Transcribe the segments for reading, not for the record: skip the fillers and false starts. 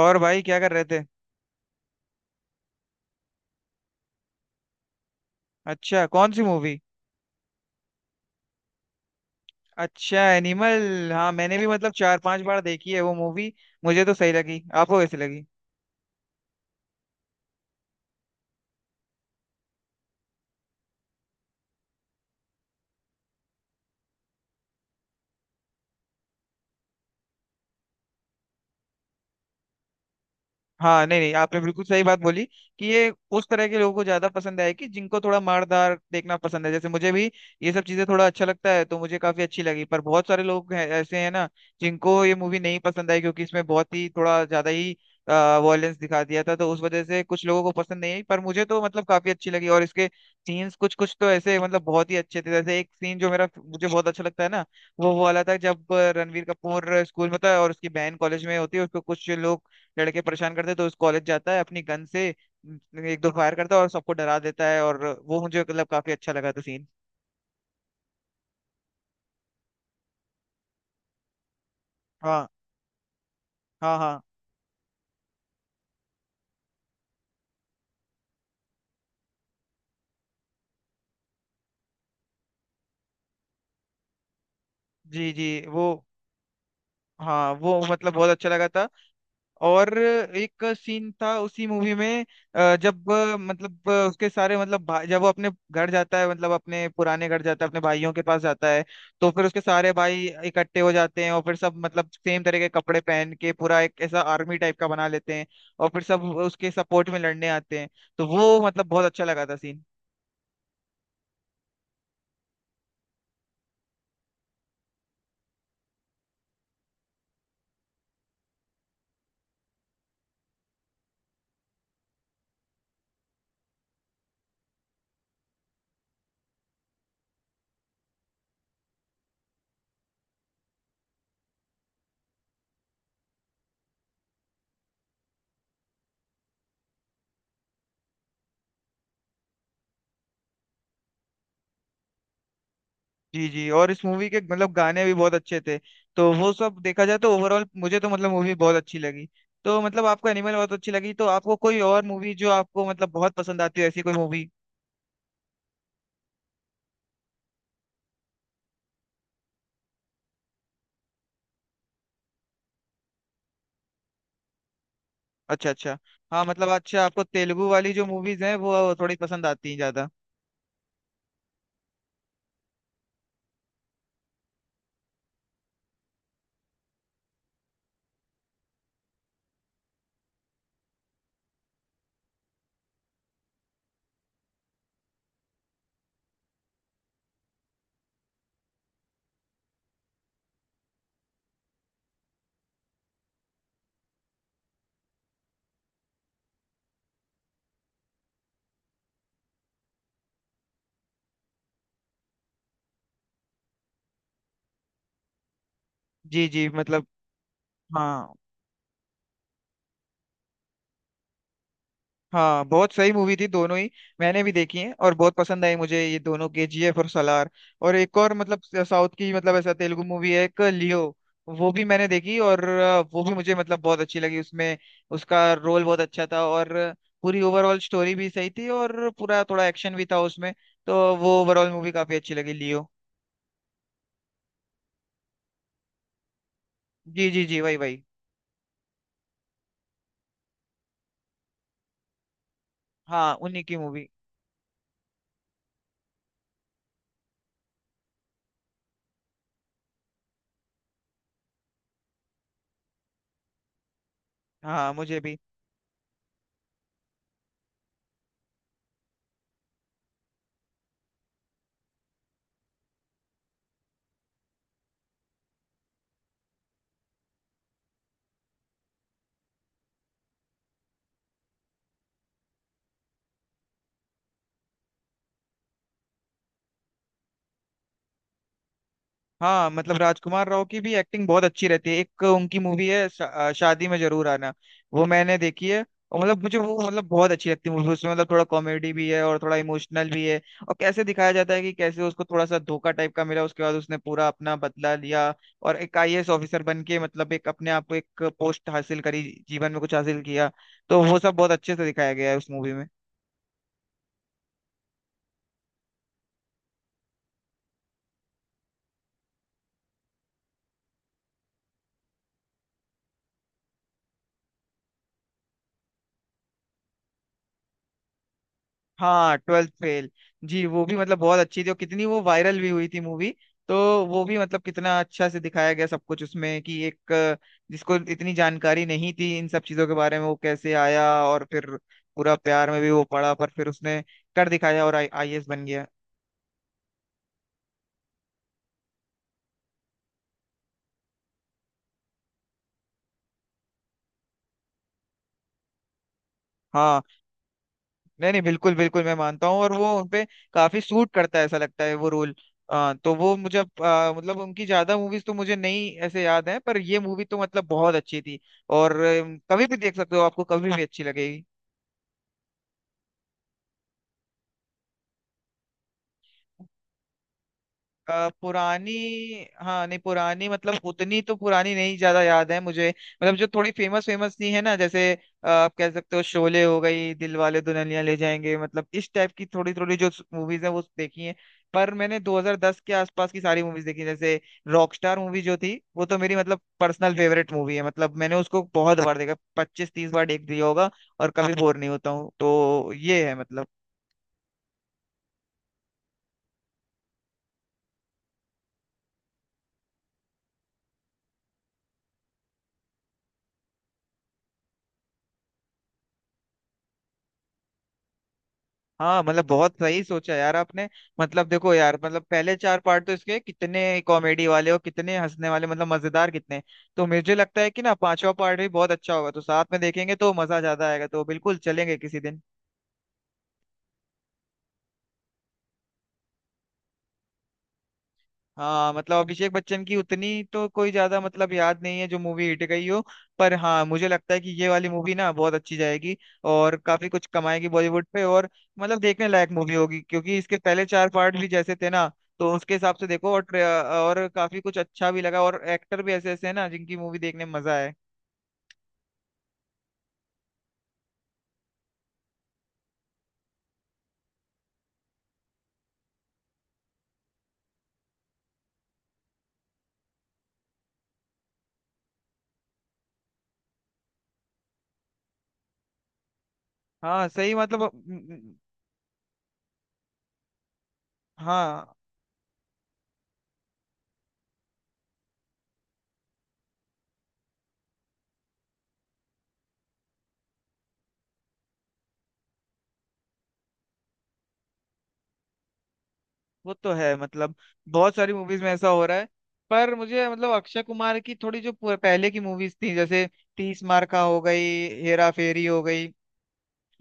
और भाई क्या कर रहे थे। अच्छा, कौन सी मूवी। अच्छा, एनिमल। हाँ मैंने भी मतलब 4 5 बार देखी है वो मूवी। मुझे तो सही लगी, आपको कैसी लगी। हाँ, नहीं नहीं आपने बिल्कुल सही बात बोली कि ये उस तरह के लोगों को ज्यादा पसंद है कि जिनको थोड़ा मारदार देखना पसंद है, जैसे मुझे भी ये सब चीजें थोड़ा अच्छा लगता है तो मुझे काफी अच्छी लगी। पर बहुत सारे लोग हैं, ऐसे हैं ना, जिनको ये मूवी नहीं पसंद आई क्योंकि इसमें बहुत ही थोड़ा ज्यादा ही वॉयलेंस दिखा दिया था, तो उस वजह से कुछ लोगों को पसंद नहीं आई। पर मुझे तो मतलब काफी अच्छी लगी और इसके सीन्स कुछ कुछ तो ऐसे मतलब बहुत ही अच्छे थे। जैसे एक सीन जो मेरा मुझे बहुत अच्छा लगता है ना, वो वाला था जब रणवीर कपूर स्कूल में था और उसकी बहन कॉलेज में होती है, उसको कुछ लोग लड़के परेशान करते, तो उस कॉलेज जाता है अपनी गन से 1 2 फायर करता है और सबको डरा देता है। और वो मुझे मतलब काफी अच्छा लगा था सीन। हाँ हाँ हाँ। जी जी। वो हाँ, वो मतलब बहुत अच्छा लगा था। और एक सीन था उसी मूवी में। जब मतलब उसके सारे मतलब भा- जब वो अपने घर जाता है, मतलब अपने पुराने घर जाता है, अपने भाइयों के पास जाता है, तो फिर उसके सारे भाई इकट्ठे हो जाते हैं और फिर सब मतलब सेम तरह के कपड़े पहन के पूरा एक ऐसा आर्मी टाइप का बना लेते हैं और फिर सब उसके सपोर्ट में लड़ने आते हैं। तो वो मतलब बहुत अच्छा लगा था सीन। जी जी। और इस मूवी के मतलब गाने भी बहुत अच्छे थे। तो वो सब देखा जाए तो ओवरऑल मुझे तो मतलब मूवी बहुत अच्छी लगी। तो मतलब आपको एनिमल बहुत अच्छी लगी, तो आपको कोई और मूवी जो आपको मतलब बहुत पसंद आती है, ऐसी कोई मूवी। अच्छा अच्छा। हाँ मतलब अच्छा, आपको तेलुगु वाली जो मूवीज हैं वो थोड़ी पसंद आती हैं ज्यादा। जी जी मतलब। हाँ हाँ, बहुत सही मूवी थी दोनों ही। मैंने भी देखी है और बहुत पसंद आई मुझे ये दोनों, केजीएफ और सलार। और एक और मतलब साउथ की, मतलब ऐसा तेलुगु मूवी है एक, लियो। वो भी मैंने देखी और वो भी मुझे मतलब बहुत अच्छी लगी। उसमें उसका रोल बहुत अच्छा था और पूरी ओवरऑल स्टोरी भी सही थी और पूरा थोड़ा एक्शन भी था उसमें। तो वो ओवरऑल मूवी काफी अच्छी लगी, लियो। जी जी जी, वही वही। हाँ उन्हीं की मूवी। हाँ मुझे भी। हाँ मतलब राजकुमार राव की भी एक्टिंग बहुत अच्छी रहती है। एक उनकी मूवी है शादी में जरूर आना, वो मैंने देखी है। और मतलब मुझे वो मतलब बहुत अच्छी लगती है मूवी। उसमें मतलब थोड़ा कॉमेडी भी है और थोड़ा इमोशनल भी है और कैसे दिखाया जाता है कि कैसे उसको थोड़ा सा धोखा टाइप का मिला, उसके बाद उसने पूरा अपना बदला लिया और एक आईएएस ऑफिसर बन के मतलब एक अपने आप को एक पोस्ट हासिल करी, जीवन में कुछ हासिल किया। तो वो सब बहुत अच्छे से दिखाया गया है उस मूवी में। हाँ, ट्वेल्थ फेल। जी वो भी मतलब बहुत अच्छी थी और कितनी वो वायरल भी हुई थी मूवी। तो वो भी मतलब कितना अच्छा से दिखाया गया सब कुछ उसमें कि एक जिसको इतनी जानकारी नहीं थी इन सब चीजों के बारे में, वो कैसे आया और फिर पूरा प्यार में भी वो पड़ा, पर फिर उसने कर दिखाया और आई आईएएस बन गया। हाँ, नहीं नहीं बिल्कुल बिल्कुल, मैं मानता हूँ। और वो उनपे काफी सूट करता है, ऐसा लगता है वो रोल। तो वो मुझे मतलब उनकी ज्यादा मूवीज तो मुझे नहीं ऐसे याद है, पर ये मूवी तो मतलब बहुत अच्छी थी। और कभी भी देख सकते हो, आपको कभी भी अच्छी लगेगी। पुरानी। हाँ, नहीं पुरानी मतलब उतनी तो पुरानी नहीं ज्यादा याद है मुझे, मतलब जो थोड़ी फेमस फेमस सी है ना, जैसे आप कह सकते हो शोले हो गई, दिलवाले दुल्हनिया ले जाएंगे, मतलब इस टाइप की थोड़ी थोड़ी जो मूवीज है वो देखी है। पर मैंने 2010 के आसपास की सारी मूवीज देखी, जैसे रॉकस्टार मूवी जो थी, वो तो मेरी मतलब पर्सनल फेवरेट मूवी है। मतलब मैंने उसको बहुत बार देखा, 25 30 बार देख दिया होगा और कभी बोर नहीं होता हूँ। तो ये है मतलब। हाँ मतलब बहुत सही सोचा यार आपने। मतलब देखो यार, मतलब पहले 4 पार्ट तो इसके कितने कॉमेडी वाले और कितने हंसने वाले, मतलब मजेदार कितने। तो मुझे लगता है कि ना पांचवा पार्ट भी बहुत अच्छा होगा, तो साथ में देखेंगे तो मजा ज्यादा आएगा। तो बिल्कुल चलेंगे किसी दिन। हाँ मतलब अभिषेक बच्चन की उतनी तो कोई ज्यादा मतलब याद नहीं है जो मूवी हिट गई हो, पर हाँ मुझे लगता है कि ये वाली मूवी ना बहुत अच्छी जाएगी और काफी कुछ कमाएगी बॉलीवुड पे। और मतलब देखने लायक मूवी होगी क्योंकि इसके पहले 4 पार्ट भी जैसे थे ना, तो उसके हिसाब से देखो। और और काफी कुछ अच्छा भी लगा और एक्टर भी ऐसे ऐसे हैं ना जिनकी मूवी देखने में मजा आए। हाँ सही मतलब हाँ वो तो है मतलब। बहुत सारी मूवीज में ऐसा हो रहा है। पर मुझे मतलब अक्षय कुमार की थोड़ी जो पहले की मूवीज थी, जैसे तीस मार का हो गई, हेरा फेरी हो गई,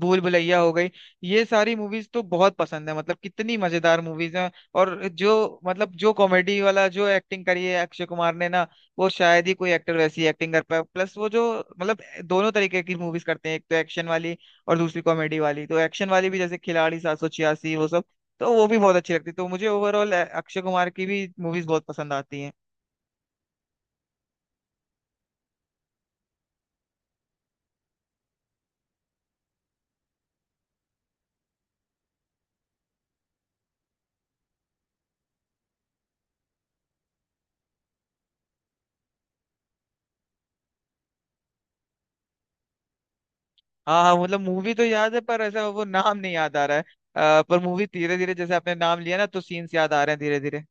भूल भुलैया हो गई, ये सारी मूवीज तो बहुत पसंद है। मतलब कितनी मजेदार मूवीज हैं। और जो मतलब जो कॉमेडी वाला जो एक्टिंग करी है अक्षय कुमार ने ना, वो शायद ही कोई एक्टर वैसी एक्टिंग कर पाए। प्लस वो जो मतलब दोनों तरीके की मूवीज करते हैं, एक तो एक्शन वाली और दूसरी कॉमेडी वाली। तो एक्शन वाली भी जैसे खिलाड़ी 786 वो सब, तो वो भी बहुत अच्छी लगती है। तो मुझे ओवरऑल अक्षय कुमार की भी मूवीज बहुत पसंद आती हैं। हाँ हाँ मतलब मूवी तो याद है पर ऐसा वो नाम नहीं याद आ रहा है। पर मूवी धीरे धीरे जैसे आपने नाम लिया ना तो सीन्स याद आ रहे हैं धीरे धीरे।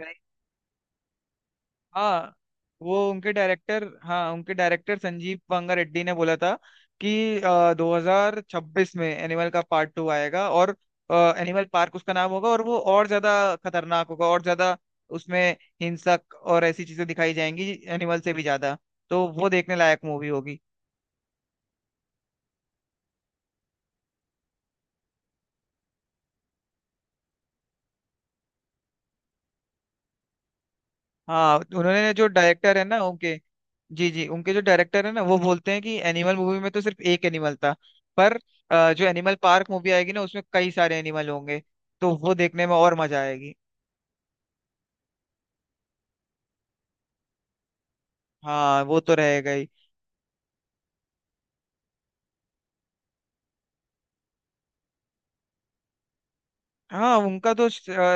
नहीं। हाँ, वो उनके डायरेक्टर, हाँ उनके डायरेक्टर संजीव पंगा रेड्डी ने बोला था कि 2026 में एनिमल का पार्ट टू आएगा और एनिमल पार्क उसका नाम होगा। और वो और ज्यादा खतरनाक होगा और ज्यादा उसमें हिंसक और ऐसी चीजें दिखाई जाएंगी एनिमल से भी ज्यादा। तो वो देखने लायक मूवी होगी। हाँ उन्होंने जो डायरेक्टर है ना उनके, जी जी उनके जो डायरेक्टर है ना वो बोलते हैं कि एनिमल मूवी में तो सिर्फ एक एनिमल था, पर जो एनिमल पार्क मूवी आएगी ना उसमें कई सारे एनिमल होंगे। तो वो देखने में और मजा आएगी। हाँ वो तो रहेगा ही। हाँ उनका तो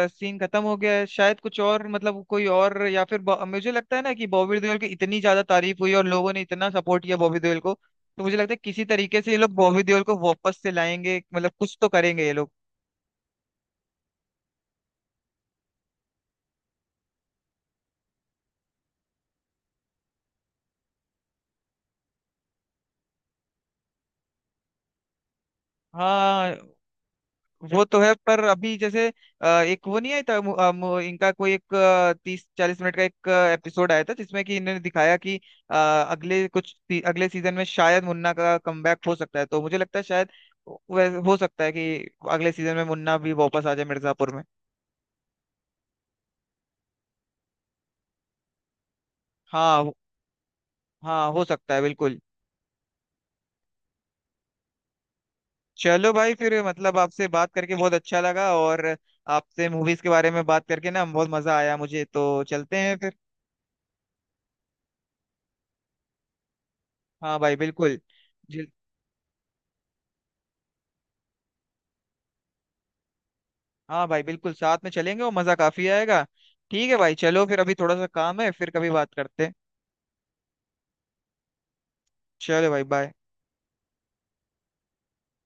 सीन खत्म हो गया है। शायद कुछ और मतलब कोई और या फिर मुझे लगता है ना कि बॉबी देओल की इतनी ज्यादा तारीफ हुई और लोगों ने इतना सपोर्ट किया बॉबी देओल को, तो मुझे लगता है किसी तरीके से ये लोग बॉबी देओल को वापस से लाएंगे, मतलब कुछ तो करेंगे ये लोग। हाँ वो तो है, पर अभी जैसे एक वो नहीं आया था, इनका कोई एक 30 40 मिनट का एक एपिसोड आया था जिसमें कि इन्होंने दिखाया कि अ, अगले सीजन में शायद मुन्ना का कमबैक हो सकता है। तो मुझे लगता है शायद वैसे हो सकता है कि अगले सीजन में मुन्ना भी वापस आ जाए मिर्जापुर में। हाँ हो- हाँ हो सकता है बिल्कुल। चलो भाई, फिर मतलब आपसे बात करके बहुत अच्छा लगा और आपसे मूवीज के बारे में बात करके ना बहुत मजा आया मुझे। तो चलते हैं फिर। हाँ भाई बिल्कुल। हाँ भाई बिल्कुल, साथ में चलेंगे और मजा काफी आएगा। ठीक है भाई, चलो फिर अभी थोड़ा सा काम है, फिर कभी बात करते हैं। चलो भाई, बाय।